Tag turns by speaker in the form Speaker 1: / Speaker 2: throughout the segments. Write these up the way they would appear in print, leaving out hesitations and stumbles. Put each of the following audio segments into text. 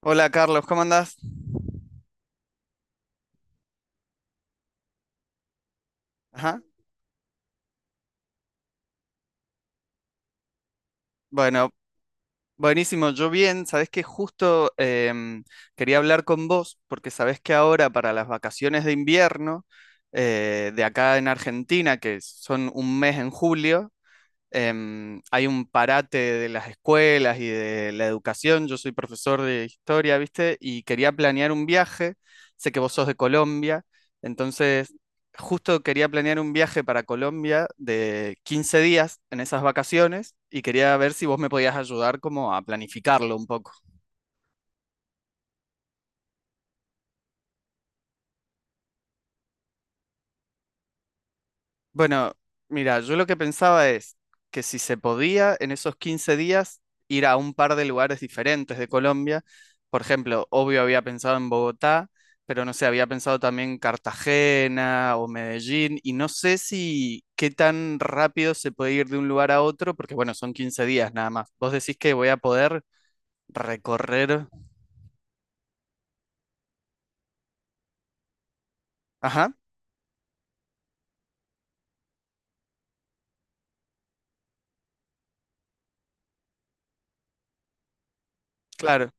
Speaker 1: Hola Carlos, ¿cómo andás? Ajá. Bueno, buenísimo, yo bien, sabés que justo quería hablar con vos porque sabés que ahora para las vacaciones de invierno de acá en Argentina, que son un mes en julio, hay un parate de las escuelas y de la educación. Yo soy profesor de historia, ¿viste? Y quería planear un viaje. Sé que vos sos de Colombia, entonces justo quería planear un viaje para Colombia de 15 días en esas vacaciones y quería ver si vos me podías ayudar como a planificarlo un poco. Bueno, mira, yo lo que pensaba es que si se podía en esos 15 días ir a un par de lugares diferentes de Colombia, por ejemplo, obvio había pensado en Bogotá, pero no sé, había pensado también Cartagena o Medellín, y no sé si qué tan rápido se puede ir de un lugar a otro, porque bueno, son 15 días nada más. Vos decís que voy a poder recorrer. Ajá, claro.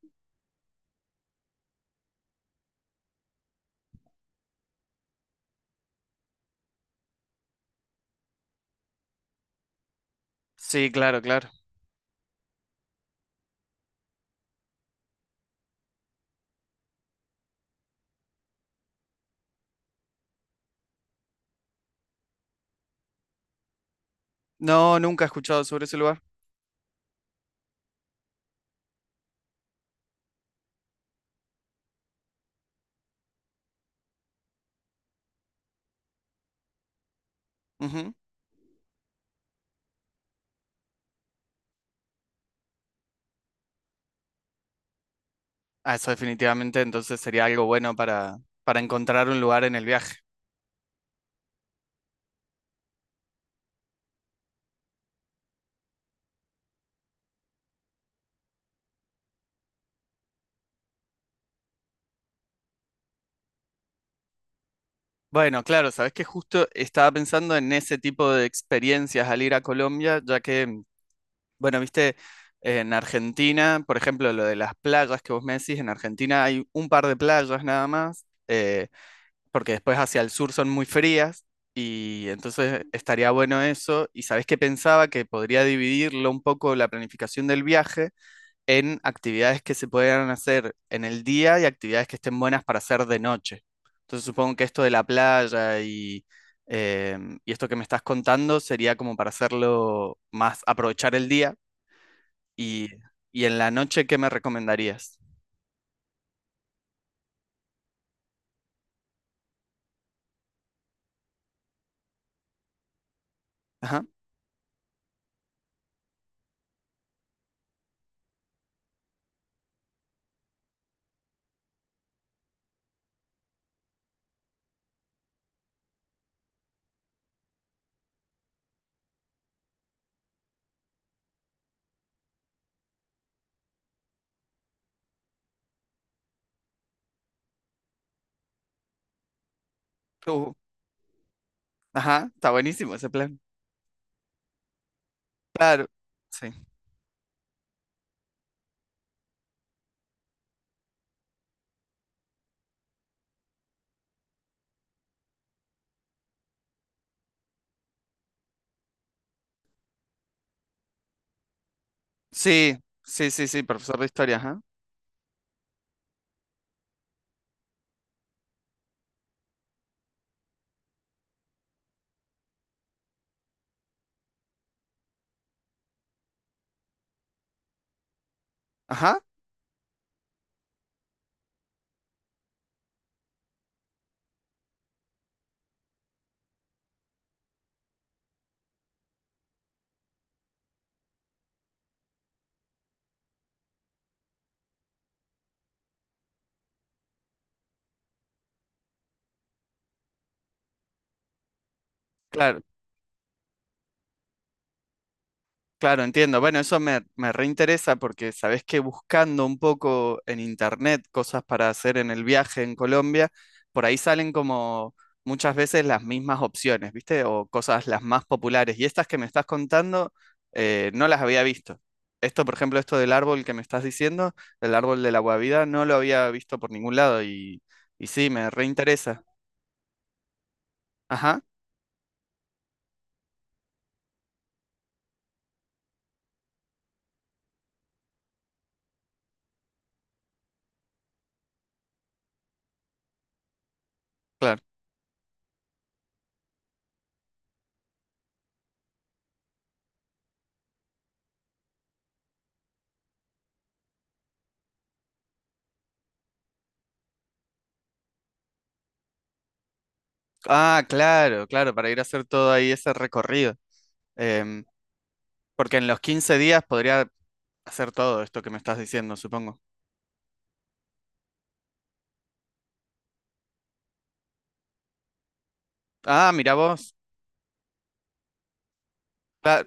Speaker 1: Sí, claro, claro. No, nunca he escuchado sobre ese lugar. Ah, eso definitivamente entonces sería algo bueno para encontrar un lugar en el viaje. Bueno, claro, sabes que justo estaba pensando en ese tipo de experiencias al ir a Colombia, ya que, bueno, viste, en Argentina, por ejemplo, lo de las playas que vos me decís, en Argentina hay un par de playas nada más, porque después hacia el sur son muy frías, y entonces estaría bueno eso. Y sabes que pensaba que podría dividirlo un poco la planificación del viaje en actividades que se puedan hacer en el día y actividades que estén buenas para hacer de noche. Entonces supongo que esto de la playa eh, y esto que me estás contando sería como para hacerlo más, aprovechar el día y, y en la noche, ¿qué me recomendarías? Ajá, uh, ajá, está buenísimo ese plan. Claro, sí. Sí, sí, sí, sí, profesor de historia, ajá. Ajá, claro. Claro, entiendo. Bueno, eso me, me reinteresa porque sabés que buscando un poco en internet cosas para hacer en el viaje en Colombia, por ahí salen como muchas veces las mismas opciones, ¿viste? O cosas las más populares. Y estas que me estás contando, no las había visto. Esto, por ejemplo, esto del árbol que me estás diciendo, el árbol de la guavida, no lo había visto por ningún lado y sí, me reinteresa. Ajá, claro. Ah, claro, claro, para ir a hacer todo ahí ese recorrido. Em, Porque en los 15 días podría hacer todo esto que me estás diciendo, supongo. Ah, mira vos. Cla-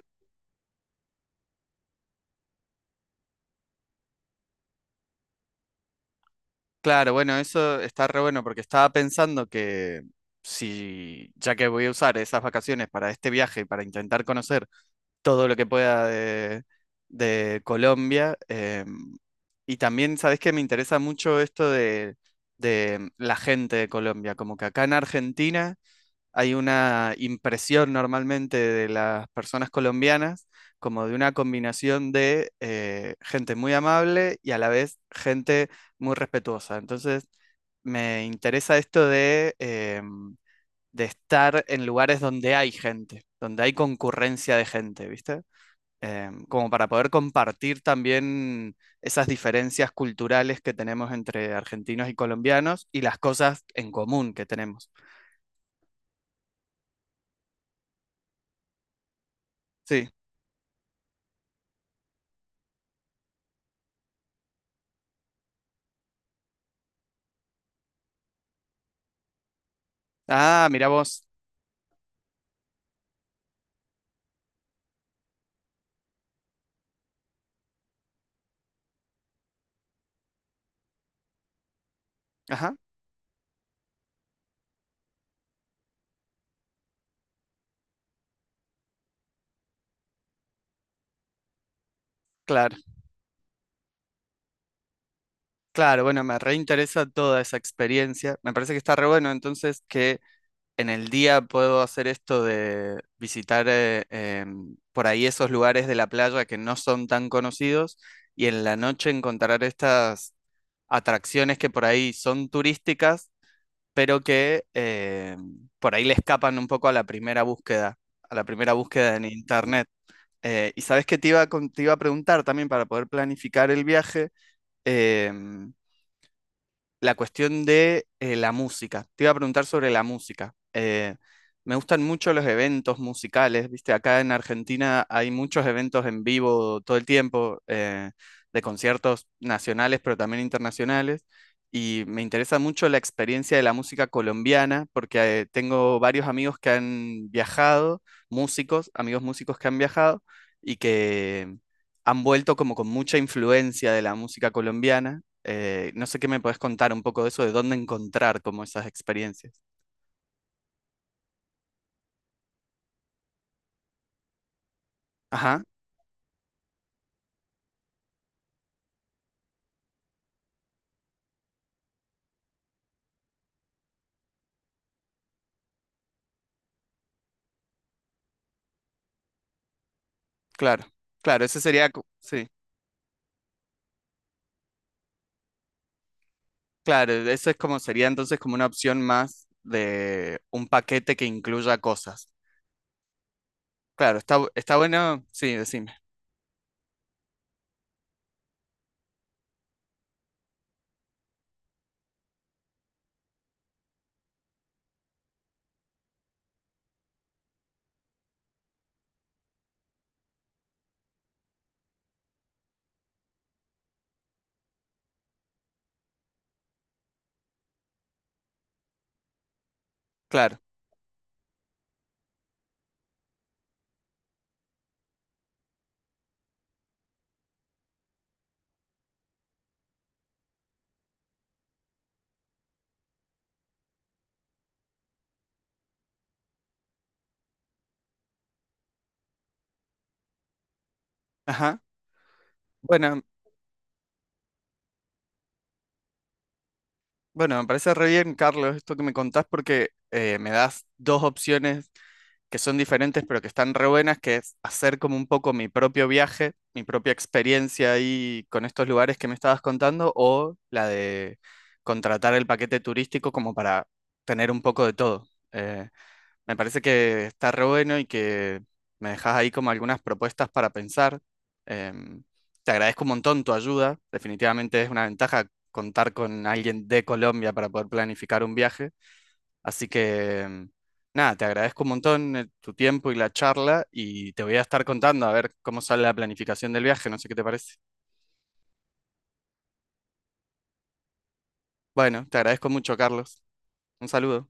Speaker 1: claro, bueno, eso está re bueno porque estaba pensando que si, ya que voy a usar esas vacaciones para este viaje, para intentar conocer todo lo que pueda de Colombia, y también, ¿sabés que me interesa mucho esto de la gente de Colombia? Como que acá en Argentina hay una impresión normalmente de las personas colombianas como de una combinación de gente muy amable y a la vez gente muy respetuosa. Entonces, me interesa esto de estar en lugares donde hay gente, donde hay concurrencia de gente, ¿viste? Como para poder compartir también esas diferencias culturales que tenemos entre argentinos y colombianos y las cosas en común que tenemos. Sí. Ah, mira vos. Ajá, claro, claro, bueno, me reinteresa toda esa experiencia. Me parece que está re bueno entonces que en el día puedo hacer esto de visitar por ahí esos lugares de la playa que no son tan conocidos y en la noche encontrar estas atracciones que por ahí son turísticas, pero que por ahí le escapan un poco a la primera búsqueda, a la primera búsqueda en internet. Y sabes que te iba, te iba a preguntar también para poder planificar el viaje. em, la cuestión de la música. Te iba a preguntar sobre la música. Me gustan mucho los eventos musicales, ¿viste? Acá en Argentina hay muchos eventos en vivo todo el tiempo, de conciertos nacionales, pero también internacionales. Y me interesa mucho la experiencia de la música colombiana, porque tengo varios amigos que han viajado, músicos, amigos músicos que han viajado y que han vuelto como con mucha influencia de la música colombiana no sé qué me puedes contar un poco de eso, de dónde encontrar como esas experiencias. Ajá, claro, claro, sí, claro, eso es como sería entonces como una opción más de un paquete que incluya cosas. Claro, está bueno, sí, decime, claro, ajá. Bueno, bueno, me parece re bien, Carlos, esto que me contás porque me das dos opciones que son diferentes, pero que están re buenas, que es hacer como un poco mi propio viaje, mi propia experiencia ahí con estos lugares que me estabas contando, o la de contratar el paquete turístico como para tener un poco de todo. Me parece que está re bueno y que me dejas ahí como algunas propuestas para pensar. Em, te agradezco un montón tu ayuda, definitivamente es una ventaja contar con alguien de Colombia para poder planificar un viaje. Así que, nada, te agradezco un montón tu tiempo y la charla y te voy a estar contando a ver cómo sale la planificación del viaje, no sé qué te parece. Bueno, te agradezco mucho, Carlos. Un saludo.